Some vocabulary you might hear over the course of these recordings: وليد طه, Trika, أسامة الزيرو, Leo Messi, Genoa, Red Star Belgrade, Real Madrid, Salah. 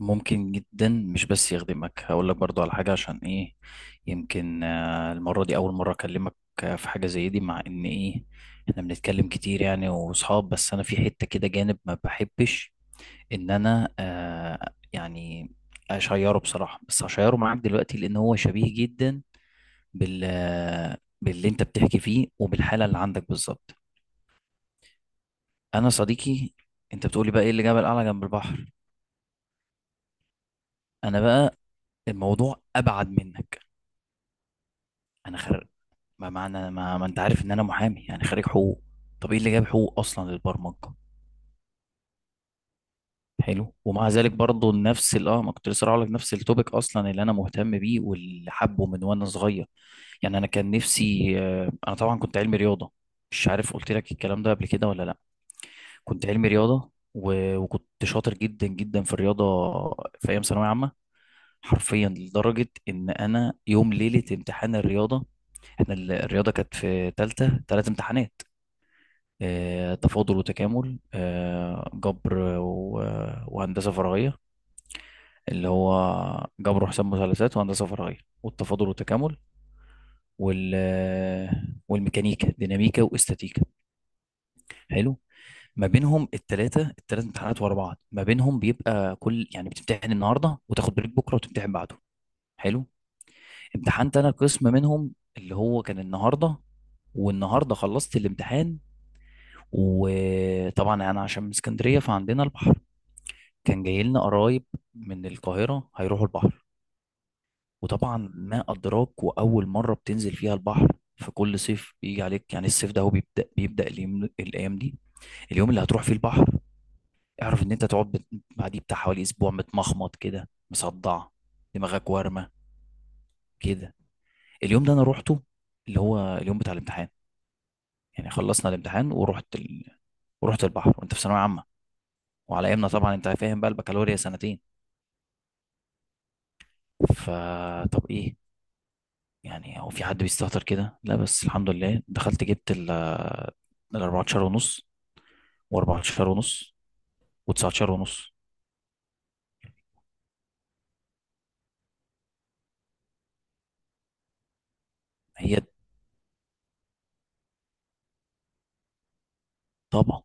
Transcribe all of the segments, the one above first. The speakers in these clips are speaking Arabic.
ممكن جدا، مش بس يخدمك، هقول لك برضو على حاجة. عشان ايه؟ يمكن المرة دي أول مرة أكلمك. في حاجة زي دي، مع إن ايه؟ احنا بنتكلم كتير يعني، وصحاب. بس أنا في حتة كده، جانب ما بحبش إن أنا يعني أشيره بصراحة، بس هشيره معاك دلوقتي، لأن هو شبيه جدا باللي أنت بتحكي فيه وبالحالة اللي عندك بالظبط. أنا صديقي، أنت بتقولي بقى ايه اللي جبل أعلى جنب البحر. أنا بقى، الموضوع أبعد منك. انا خريج. ما معنى ما انت عارف ان انا محامي، يعني خريج حقوق. طب ايه اللي جاب حقوق اصلا للبرمجه؟ حلو. ومع ذلك برضو نفس ما كنت لسه هقول لك، نفس التوبيك اصلا اللي انا مهتم بيه، واللي حبه من وانا صغير. يعني انا كان نفسي انا طبعا كنت علمي رياضه. مش عارف قلت لك الكلام ده قبل كده ولا لا. كنت علمي رياضه، و... وكنت شاطر جدا جدا في الرياضه، في ايام ثانويه عامه. حرفيا، لدرجه ان انا يوم ليله امتحان الرياضه، احنا الرياضه كانت في ثالثه ثلاث امتحانات. تفاضل وتكامل، جبر و- وهندسة فراغية. اللي هو جبر وحساب مثلثات وهندسة فراغية والتفاضل والتكامل، وال والميكانيكا، ديناميكا، واستاتيكا. حلو. ما بينهم التلات امتحانات ورا بعض، ما بينهم بيبقى كل يعني، بتمتحن النهاردة وتاخد بريك بكرة وتمتحن بعده. حلو. امتحنت انا قسم منهم اللي هو كان النهاردة، والنهاردة خلصت الامتحان. وطبعا انا عشان من اسكندرية، فعندنا البحر. كان جاي لنا قرايب من القاهرة هيروحوا البحر. وطبعا ما أدراك، وأول مرة بتنزل فيها البحر، في كل صيف بيجي عليك يعني، الصيف ده هو بيبدأ اليوم، الأيام دي، اليوم اللي هتروح فيه البحر، اعرف إن أنت تقعد بعديه بتاع حوالي أسبوع، متمخمط كده، مصدع دماغك وارمة كده. اليوم ده أنا روحته، اللي هو اليوم بتاع الامتحان. يعني خلصنا الامتحان ورحت ال... ورحت البحر، وأنت في ثانوية عامة، وعلى أيامنا طبعا أنت فاهم بقى البكالوريا سنتين. فطب إيه يعني، هو في حد بيستهتر كده؟ لا، بس الحمد لله دخلت، جبت ال 14 ونص، و14 ونص، و19 ونص. هي. طبعا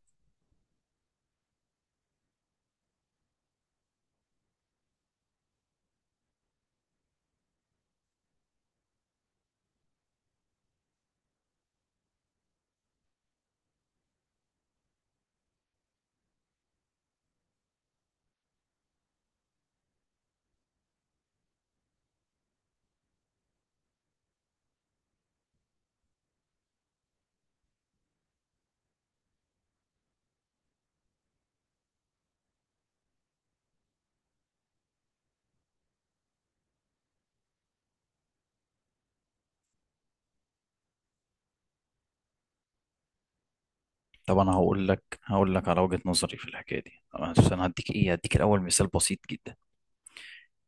طبعا، هقول لك على وجهة نظري في الحكايه دي طبعاً، بس انا هديك الاول مثال بسيط جدا.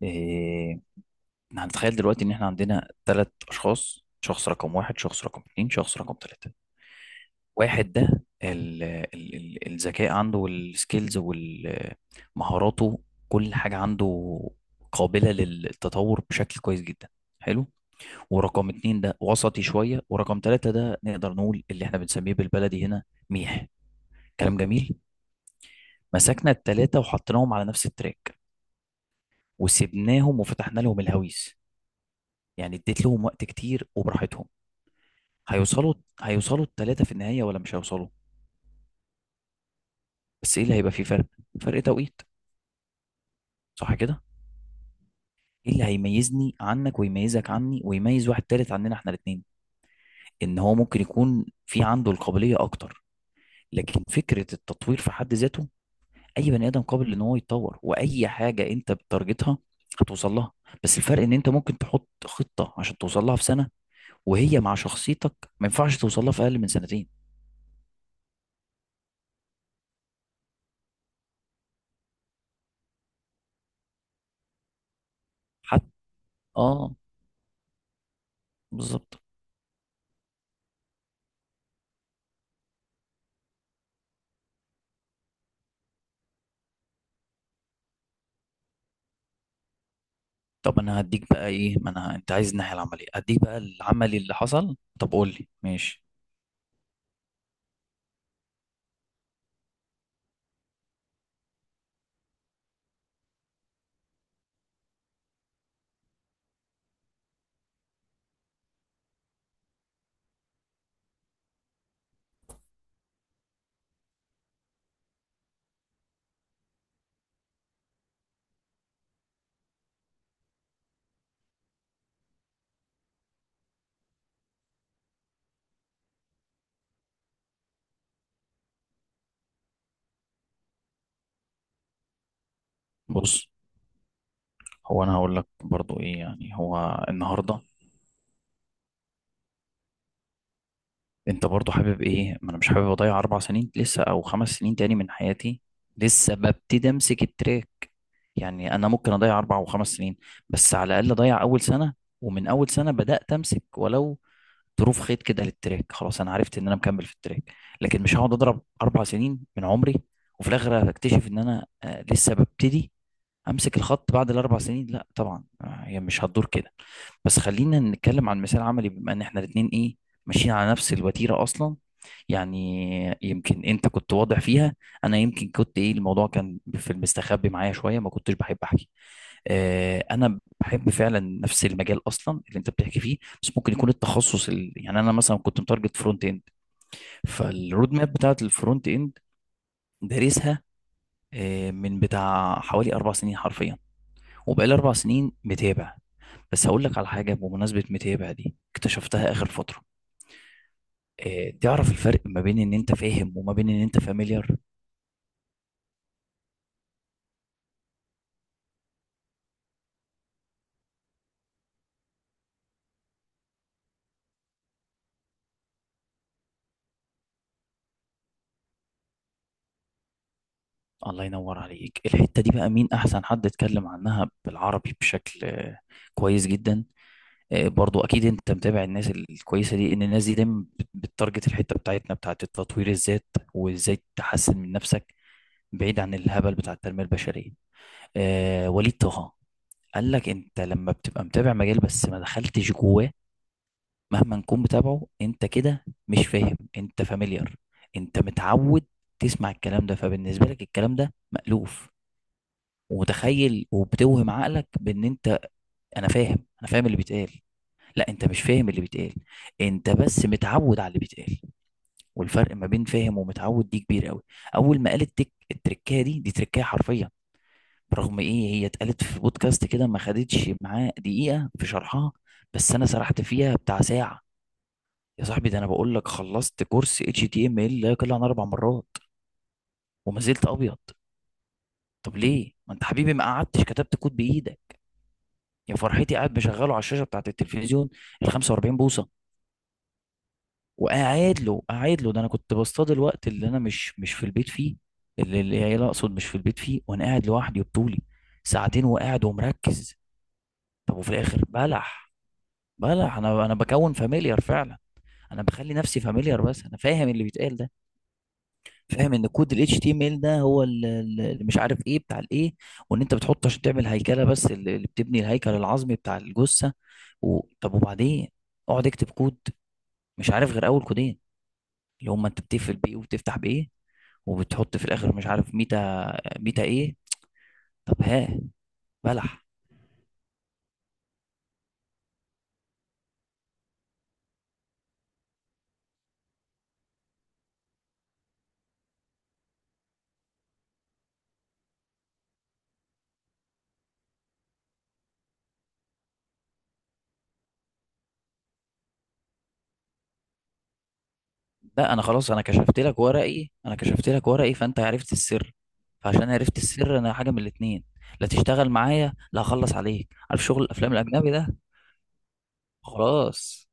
إيه، هنتخيل دلوقتي ان احنا عندنا ثلاث اشخاص: شخص رقم واحد، شخص رقم اتنين، شخص رقم تلاتة. واحد ده الذكاء عنده والسكيلز ومهاراته، كل حاجة عنده قابلة للتطور بشكل كويس جدا. حلو. ورقم اتنين ده وسطي شوية، ورقم تلاتة ده نقدر نقول اللي احنا بنسميه بالبلدي هنا ميح. كلام جميل. مسكنا التلاتة وحطيناهم على نفس التراك، وسبناهم وفتحنا لهم الهويس، يعني اديت لهم وقت كتير وبراحتهم. هيوصلوا هيوصلوا التلاتة في النهاية، ولا مش هيوصلوا؟ بس ايه اللي هيبقى فيه فرق؟ فرق توقيت. صح كده؟ ايه اللي هيميزني عنك، ويميزك عني، ويميز واحد تالت عننا احنا الاتنين؟ ان هو ممكن يكون في عنده القابلية اكتر. لكن فكرة التطوير في حد ذاته، اي بني ادم قابل ان هو يتطور، واي حاجة انت بتارجتها هتوصل لها. بس الفرق ان انت ممكن تحط خطة عشان توصل لها في سنة، وهي مع شخصيتك ما ينفعش توصل لها في اقل من سنتين. حتى. اه. بالظبط. طب انا هديك بقى ايه، ما انا انت عايز الناحية العملية، هديك بقى العملي اللي حصل. طب قول لي ماشي. بص، هو انا هقول لك برضو ايه يعني، هو النهارده انت برضو حابب ايه؟ ما انا مش حابب اضيع اربع سنين لسه، او خمس سنين تاني من حياتي، لسه ببتدي امسك التراك. يعني انا ممكن اضيع اربع وخمس سنين، بس على الاقل اضيع اول سنه، ومن اول سنه بدات امسك، ولو ظروف خيط كده للتراك، خلاص انا عرفت ان انا مكمل في التراك. لكن مش هقعد اضرب اربع سنين من عمري وفي الاخر اكتشف ان انا لسه ببتدي امسك الخط بعد الاربع سنين. لا طبعا، هي مش هتدور كده. بس خلينا نتكلم عن مثال عملي، بما ان احنا الاتنين ماشيين على نفس الوتيره اصلا. يعني يمكن انت كنت واضح فيها، انا يمكن كنت الموضوع كان في المستخبي معايا شويه، ما كنتش بحب احكي. انا بحب فعلا نفس المجال اصلا اللي انت بتحكي فيه. بس ممكن يكون التخصص يعني انا مثلا كنت متارجت فرونت اند. فالرود ماب بتاعت الفرونت اند دارسها من بتاع حوالي اربع سنين حرفيا، وبقالي أربع سنين متابع. بس هقول لك على حاجة، بمناسبة متابع دي اكتشفتها آخر فترة. اه، تعرف الفرق ما بين إن أنت فاهم وما بين إن أنت فاميليار؟ الله ينور عليك. الحتة دي بقى مين أحسن حد اتكلم عنها بالعربي بشكل كويس جدا. برضو أكيد أنت متابع الناس الكويسة دي، إن الناس دي دايما بتتارجت الحتة بتاعتنا بتاعت تطوير الذات، وإزاي تحسن من نفسك، بعيد عن الهبل بتاع التنمية البشرية. وليد طه قال لك: انت لما بتبقى متابع مجال بس ما دخلتش جواه، مهما نكون بتابعه، انت كده مش فاهم، انت فاميليار. انت متعود تسمع الكلام ده، فبالنسبة لك الكلام ده مألوف، ومتخيل، وبتوهم عقلك بان انت: انا فاهم، انا فاهم اللي بيتقال. لا، انت مش فاهم اللي بيتقال، انت بس متعود على اللي بيتقال، والفرق ما بين فاهم ومتعود دي كبير قوي. اول ما قال التركية دي، دي تركية حرفيا، برغم ايه هي اتقالت في بودكاست كده، ما خدتش معاه دقيقة في شرحها، بس انا سرحت فيها بتاع ساعة. يا صاحبي، ده انا بقول لك خلصت كورس اتش تي ام ال لا يقل عن اربع مرات، وما زلت ابيض. طب ليه؟ ما انت حبيبي ما قعدتش كتبت كود بايدك. يا فرحتي، قاعد مشغله على الشاشه بتاعت التلفزيون ال 45 بوصه، وقاعد له، ده انا كنت بصطاد الوقت اللي انا مش في البيت فيه، اللي العيال اقصد مش في البيت فيه، وانا قاعد لوحدي وبطولي ساعتين، وقاعد ومركز. طب وفي الاخر بلح. بلح. انا بكون فاميليار فعلا، انا بخلي نفسي فاميليار، بس انا فاهم اللي بيتقال ده؟ فاهم ان كود ال HTML ده هو اللي مش عارف ايه بتاع الايه، وان انت بتحطه عشان تعمل هيكله، بس اللي بتبني الهيكل العظمي بتاع الجثه. طب وبعدين، اقعد اكتب كود، مش عارف غير اول كودين، اللي هما انت بتقفل بايه وبتفتح بايه، وبتحط في الاخر مش عارف ميتا، ميتا ايه؟ طب ها؟ بلح. لا انا خلاص، انا كشفت لك ورقي، انا كشفت لك ورقي، فانت عرفت السر. فعشان عرفت السر انا حاجه من الاتنين: لا تشتغل معايا، لا هخلص عليك، عارف شغل الافلام الاجنبي ده؟ خلاص.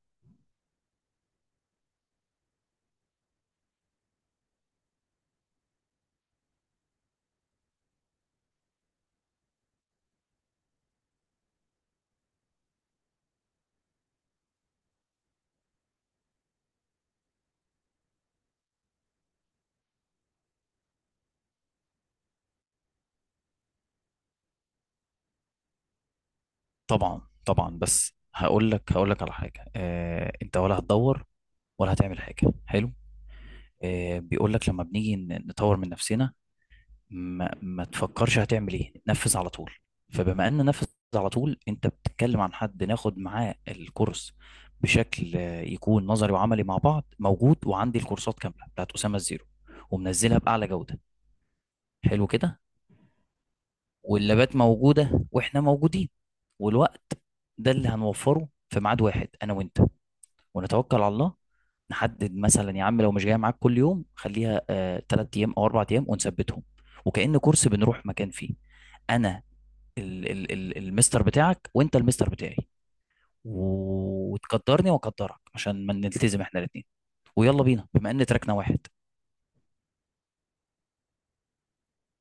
طبعا طبعا، بس هقول لك على حاجه، انت ولا هتدور ولا هتعمل حاجه؟ حلو. بيقول لك لما بنيجي ن- نطور من نفسنا، ما تفكرش هتعمل ايه، نفذ على طول. فبما ان نفذ على طول، انت بتتكلم عن حد ناخد معاه الكورس بشكل يكون نظري وعملي مع بعض، موجود، وعندي الكورسات كامله بتاعت اسامه الزيرو ومنزلها باعلى جوده. حلو كده. واللابات موجوده، واحنا موجودين، والوقت ده اللي هنوفره في ميعاد واحد انا وانت، ونتوكل على الله. نحدد مثلا، يا عم لو مش جاي معاك كل يوم، خليها 3 ايام او 4 ايام ونثبتهم، وكأن كورس بنروح مكان فيه. انا ال المستر بتاعك وانت المستر بتاعي، و- وتقدرني واقدرك عشان ما نلتزم احنا الاثنين، ويلا بينا بما ان تراكنا واحد.